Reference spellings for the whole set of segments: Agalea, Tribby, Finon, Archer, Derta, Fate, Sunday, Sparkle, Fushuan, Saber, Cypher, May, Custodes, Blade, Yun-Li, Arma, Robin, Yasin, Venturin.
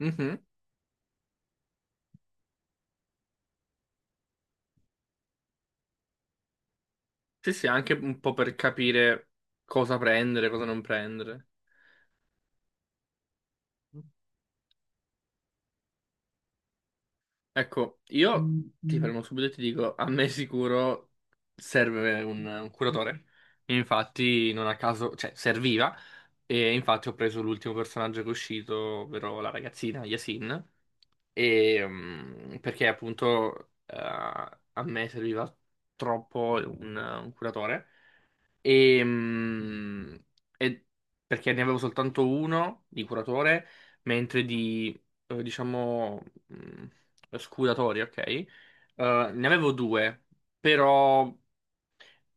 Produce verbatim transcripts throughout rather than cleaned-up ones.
Mhm. Sì, sì, anche un po' per capire cosa prendere, cosa non prendere. Ecco, io ti fermo subito e ti dico, a me sicuro serve un, un curatore. Infatti, non a caso, cioè, serviva. E infatti ho preso l'ultimo personaggio che è uscito, ovvero la ragazzina, Yasin. E, mm, perché appunto eh, a me serviva troppo un, un curatore. E, mm, e- Perché ne avevo soltanto uno di curatore, mentre di, eh, diciamo, mm, scudatori, ok? Eh, ne avevo due, però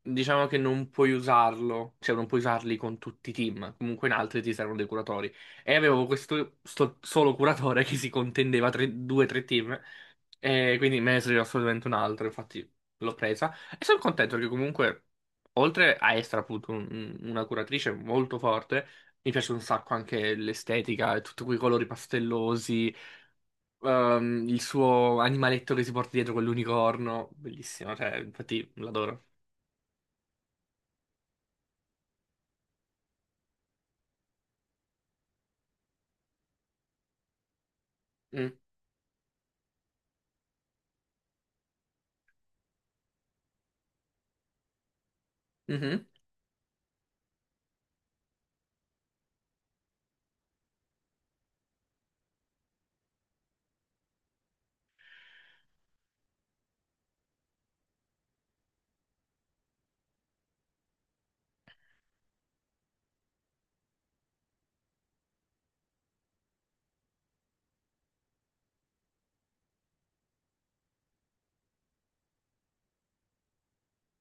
diciamo che non puoi usarlo, cioè non puoi usarli con tutti i team, comunque in altri ti servono dei curatori. E avevo questo sto- solo curatore che si contendeva tre- due o tre team, e quindi me ne serviva assolutamente un altro, infatti l'ho presa. E sono contento perché comunque oltre a essere appunto un- un- una curatrice molto forte, mi piace un sacco anche l'estetica e tutti quei colori pastellosi, ehm, il suo animaletto che si porta dietro con l'unicorno, bellissimo, cioè, infatti l'adoro. Mm. Mhm,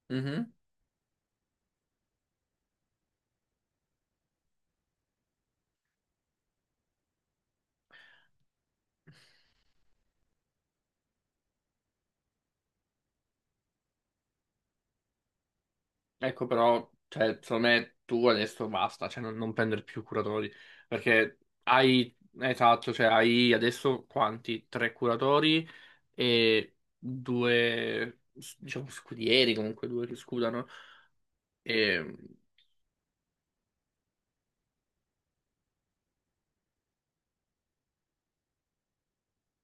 mhm. Ecco però, cioè, secondo me tu adesso basta, cioè non, non prendere più curatori, perché hai, esatto, cioè hai adesso quanti? Tre curatori e due, s- diciamo, scudieri comunque, due che scudano. E...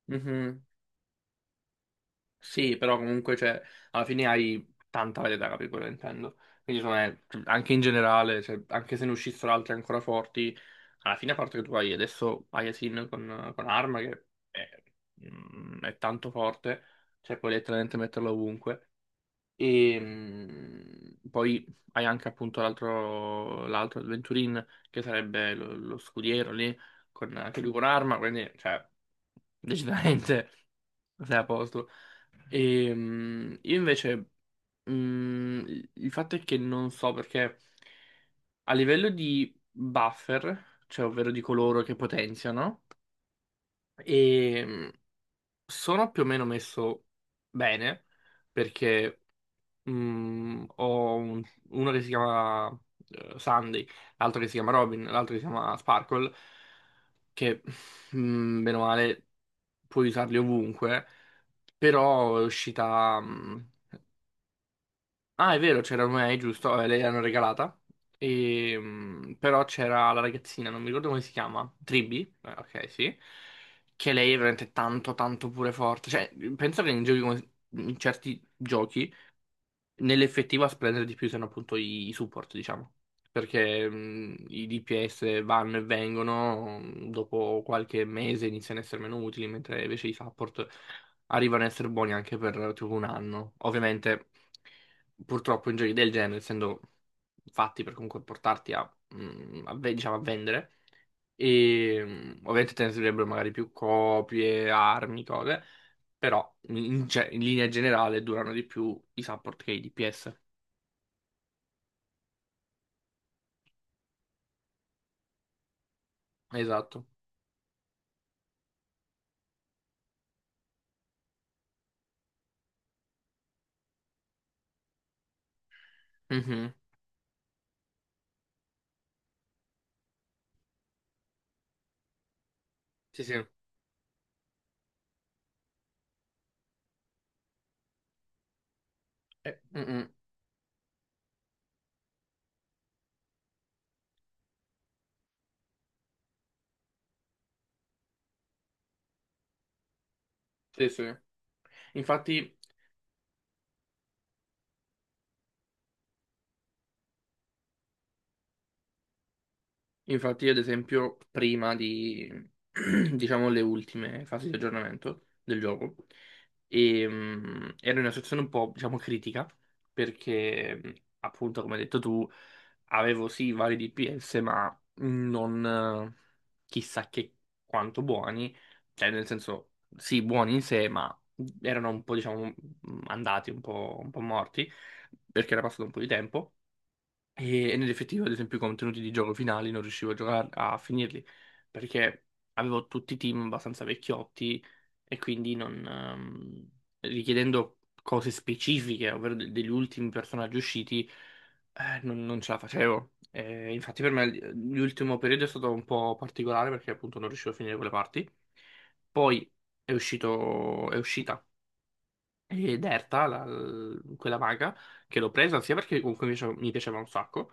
mhm. Sì, però comunque cioè, alla fine hai tanta varietà, capito quello che intendo? Quindi secondo me, cioè, anche in generale, cioè, anche se ne uscissero altri ancora forti, alla fine a parte che tu hai adesso Ayasin con, con Arma che è, mm, è tanto forte, cioè puoi letteralmente metterlo ovunque. E mh, poi hai anche appunto l'altro l'altro il Venturin che sarebbe lo, lo scudiero lì, con, anche lui con arma, quindi cioè, decisamente sei a posto. E, mh, io invece, mh, il il fatto è che non so perché a livello di buffer, cioè ovvero di coloro che potenziano, e, mh, sono più o meno messo bene perché. Mm, ho un- uno che si chiama eh, Sunday, l'altro che si chiama Robin, l'altro che si chiama Sparkle, che mm, bene o male puoi usarli ovunque, però è uscita... mm, Ah, è vero, c'era May, giusto? Eh, lei l'hanno regalata. E, mm, però c'era la ragazzina, non mi ricordo come si chiama, Tribby, eh, ok, sì, che lei è veramente tanto, tanto pure forte. Cioè, penso che in giochi come- in certi giochi nell'effettivo a spendere di più sono appunto i, i support, diciamo, perché mh, i D P S vanno e vengono, mh, dopo qualche mese iniziano a essere meno utili, mentre invece i support arrivano a essere buoni anche per tipo un anno. Ovviamente, purtroppo in giochi del genere, essendo fatti per comunque portarti a, mh, a ve- diciamo, a vendere, e mh, ovviamente te ne servirebbero magari più copie, armi, cose però in, cioè, in linea generale durano di più i support che i D P S. Esatto. Mhm. Sì, sì. Eh, mm, mm. Sì, sì. Infatti. Infatti io ad esempio prima di, diciamo, le ultime fasi di aggiornamento del gioco, ehm, ero in una situazione un po', diciamo, critica, perché mhmm, appunto, come hai detto tu, avevo sì vari D P S, ma non eh, chissà che quanto buoni, cioè nel senso, sì, buoni in sé, ma erano un po', diciamo, andati, un po', un po' morti, perché era passato un po' di tempo. E, e nell'effettivo, ad esempio, i contenuti di gioco finali non riuscivo a giocare, a finirli, perché avevo tutti i team abbastanza vecchiotti e quindi non, ehm, richiedendo cose specifiche, ovvero de- degli ultimi personaggi usciti, eh, non, non ce la facevo. Eh, infatti per me l- l'ultimo periodo è stato un po' particolare perché appunto non riuscivo a finire quelle parti. Poi è uscito, è uscita e Derta, la- l- quella maga, che l'ho presa sia perché comunque mi piaceva, mi piaceva un sacco,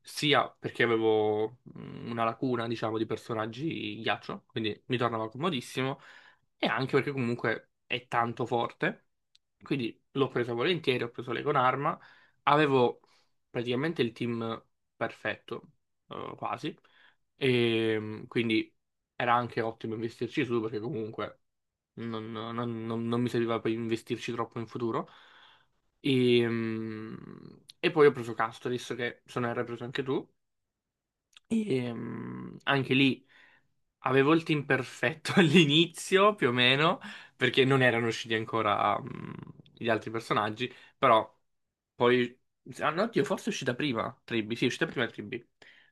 sia perché avevo mm, una lacuna, diciamo, di personaggi ghiaccio, quindi mi tornava comodissimo, e anche perché comunque è tanto forte, quindi l'ho presa volentieri, ho preso lei con arma, avevo praticamente il team perfetto, eh, quasi, e mm, quindi era anche ottimo investirci su perché comunque non, non- non- non mi serviva per investirci troppo in futuro. E, mm, e poi ho preso Custodes, che se ne hai preso anche tu, e mm, anche lì avevo il team perfetto all'inizio, più o meno, perché non erano usciti ancora mm, gli altri personaggi, però poi... Ah no, oddio, forse è uscita prima Tribi, sì, è uscita prima Tribi.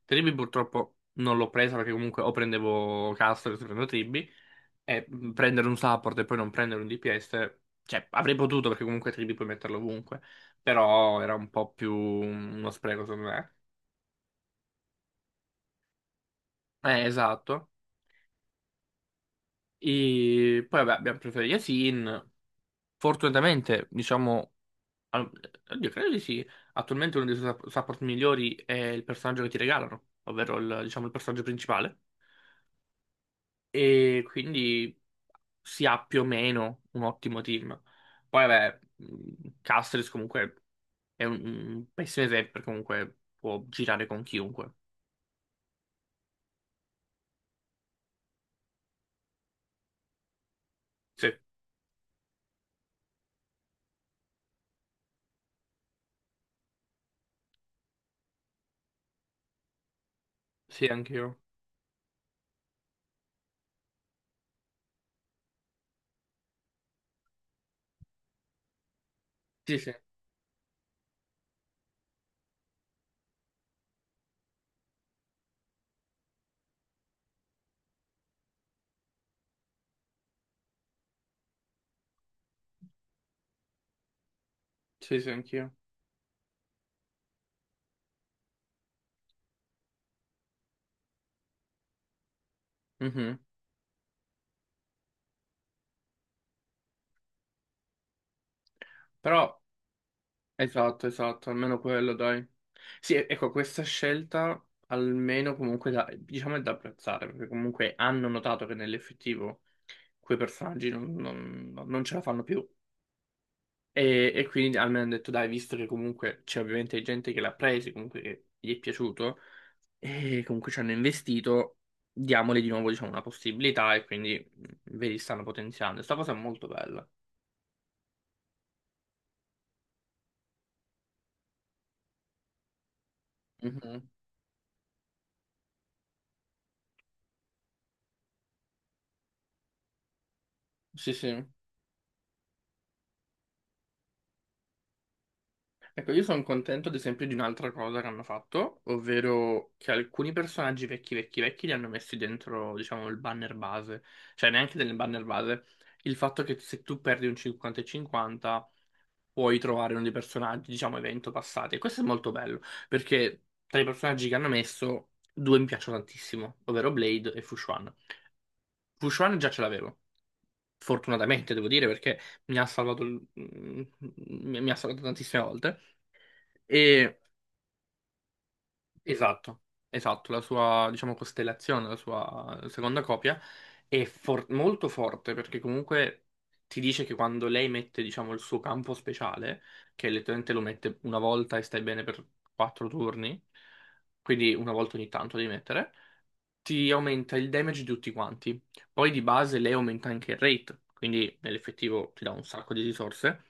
Tribi purtroppo non l'ho presa perché comunque o prendevo Custodes o prendo Tribi. E mh, prendere un support e poi non prendere un D P S, cioè avrei potuto perché comunque tridi puoi metterlo ovunque, però era un po' più mhmm, uno spreco secondo me. Eh, esatto. E poi vabbè, abbiamo preferito Yasin. Fortunatamente, diciamo, al- oddio, credo di sì. Attualmente uno dei suoi sup- support migliori è il personaggio che ti regalano, ovvero il, diciamo, il personaggio principale. E quindi si ha più o meno un ottimo team. Poi vabbè, mh, Castris comunque è un, un pessimo esempio, perché comunque può girare con chiunque. Sì, sì, anch'io. Sì, sì, sì, sì, anch'io. Mhm. Però, esatto, esatto, almeno quello, dai. Sì, e- ecco, questa scelta almeno comunque da, diciamo è da apprezzare, perché comunque hanno notato che nell'effettivo quei personaggi non, non- no, non ce la fanno più. E, e quindi almeno hanno detto, dai, visto che comunque c'è ovviamente gente che l'ha preso, comunque che gli è piaciuto, e comunque ci hanno investito, diamole di nuovo, diciamo, una possibilità e quindi mh, vedi, stanno potenziando. Sta cosa è molto bella. Mhm. Sì, sì. Ecco, io sono contento ad esempio di un'altra cosa che hanno fatto, ovvero che alcuni personaggi vecchi, vecchi, vecchi li hanno messi dentro, diciamo, il banner base, cioè neanche nel banner base. Il fatto che se tu perdi un cinquanta e cinquanta puoi trovare uno dei personaggi, diciamo, evento passati. E questo è molto bello, perché tra i personaggi che hanno messo, due mi piacciono tantissimo, ovvero Blade e Fushuan. Fushuan già ce l'avevo, fortunatamente devo dire, perché mi ha salvato, il- mi mi ha salvato tantissime volte. E esatto, esatto, la sua, diciamo, costellazione, la sua seconda copia è for- molto forte perché comunque ti dice che quando lei mette, diciamo, il suo campo speciale, che letteralmente lo mette una volta e stai bene per quattro turni, quindi una volta ogni tanto devi mettere, ti aumenta il damage di tutti quanti. Poi di base lei aumenta anche il rate, quindi nell'effettivo ti dà un sacco di risorse.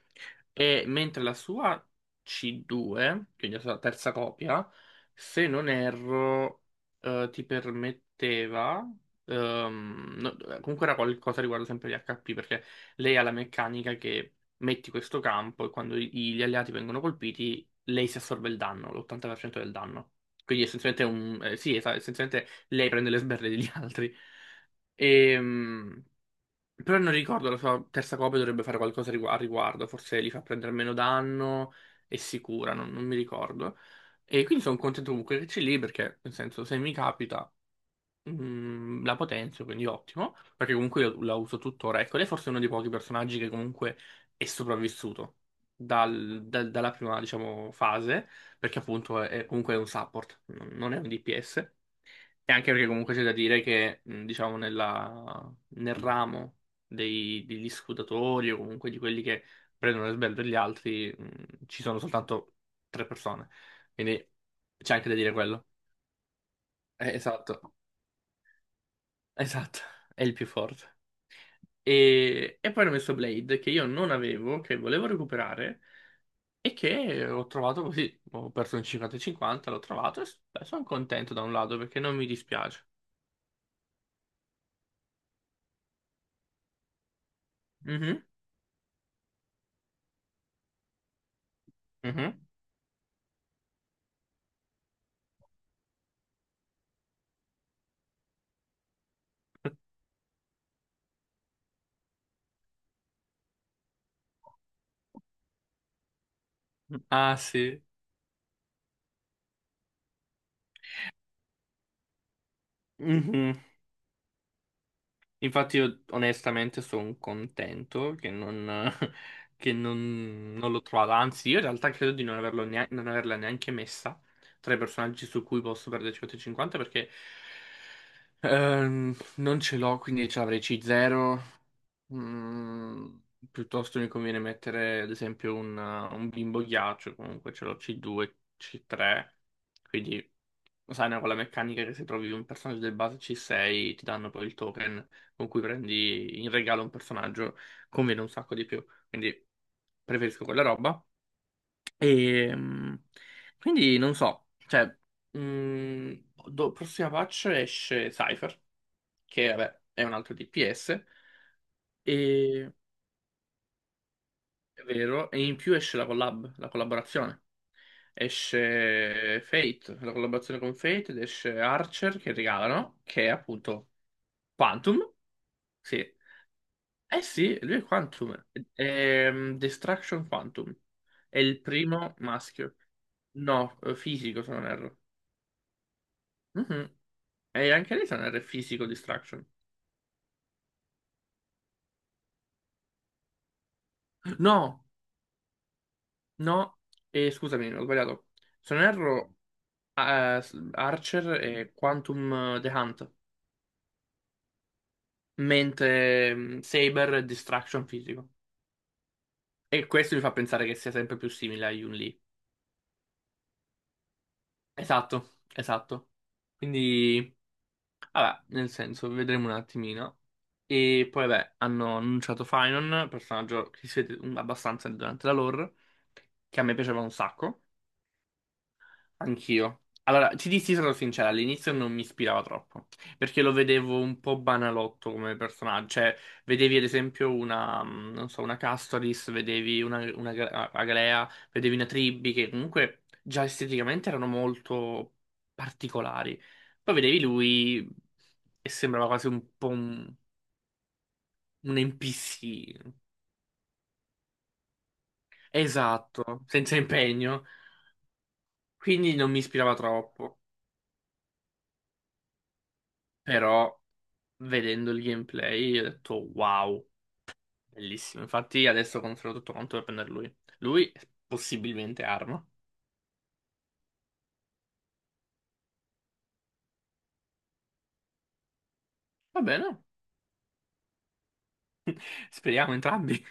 E mentre la sua C due, quindi la sua terza copia, se non erro, eh, ti permetteva. ehm, no- Comunque era qualcosa riguardo sempre gli H P, perché lei ha la meccanica che metti questo campo e quando i- gli alleati vengono colpiti, lei si assorbe il danno, l'ottanta per cento del danno. Quindi essenzialmente è un, eh, sì, esa- essenzialmente lei prende le sberle degli altri. Ehm, Però non ricordo, la sua terza copia dovrebbe fare qualcosa rigu- a riguardo, forse li fa prendere meno danno e si cura, non, non mi ricordo. E quindi sono contento comunque che c'è lì perché, nel senso, se mi capita, mm, la potenzio, quindi ottimo, perché comunque io la uso tuttora. Ecco, lei forse è uno dei pochi personaggi che comunque è sopravvissuto dal- dal- dalla prima, diciamo, fase, perché appunto è, è- comunque è un support, non non è un D P S. E anche perché comunque c'è da dire che, mh, diciamo, nella- nel ramo dei- degli scutatori o comunque di quelli che prendono le sberle degli altri, mh, ci sono soltanto tre persone. Quindi c'è anche da dire quello. Eh, esatto, esatto, è il più forte. E, e poi hanno messo Blade, che io non avevo, che volevo recuperare, e che ho trovato così. Ho perso un cinquanta e cinquanta, l'ho trovato e s- beh, sono contento da un lato perché non mi dispiace. Mhm, mhm. Ah sì. Mhm. Infatti io onestamente sono contento che non, che non- non l'ho trovata, anzi io in realtà credo di non, averlo neanche, non averla neanche messa tra i personaggi su cui posso perdere cinquanta e cinquanta perché ehm, non ce l'ho, quindi ce l'avrei C zero, Mm, piuttosto mi conviene mettere ad esempio un, un bimbo ghiaccio, comunque ce l'ho C due, C tre, quindi lo sai, no, con la meccanica che se trovi un personaggio del base C sei ti danno poi il token con cui prendi in regalo un personaggio, conviene un sacco di più. Quindi preferisco quella roba. E mm, quindi non so, cioè, mm, do- prossima patch esce Cypher, che vabbè è un altro D P S, è vero, e in più esce la collab, la collaborazione. Esce Fate, la collaborazione con Fate, ed esce Archer che regalano, che è appunto Quantum. Sì. Eh sì, lui è Quantum. Ehm, Destruction Quantum. È il primo maschio. No, eh, fisico se non erro. Mhm. E anche lei se non erro è fisico Destruction. No! No, e scusami, ho sbagliato. Se non erro, eh, Archer è Quantum eh, The Hunt, mentre mm, Saber è Distraction Fisico. E questo mi fa pensare che sia sempre più simile a Yun-Li. Esatto, esatto. Quindi, vabbè, nel senso, vedremo un attimino. E poi, vabbè, hanno annunciato Finon, personaggio che si vede mm, abbastanza durante la lore, che a me piaceva un sacco. Anch'io. Allora, ti dissi sarò sincera, all'inizio non mi ispirava troppo, perché lo vedevo un po' banalotto come personaggio, cioè vedevi ad esempio una, mh, non so, una Castoris, vedevi una, una Ga- Agalea, vedevi una Tribbi, che comunque già esteticamente erano molto particolari. Poi vedevi lui e sembrava quasi un po' un, un N P C, esatto, senza impegno, quindi non mi ispirava troppo, però... Vedendo il gameplay ho detto wow, bellissimo. Infatti adesso controllo tutto quanto per prendere lui. Lui possibilmente arma. Va bene. Speriamo entrambi.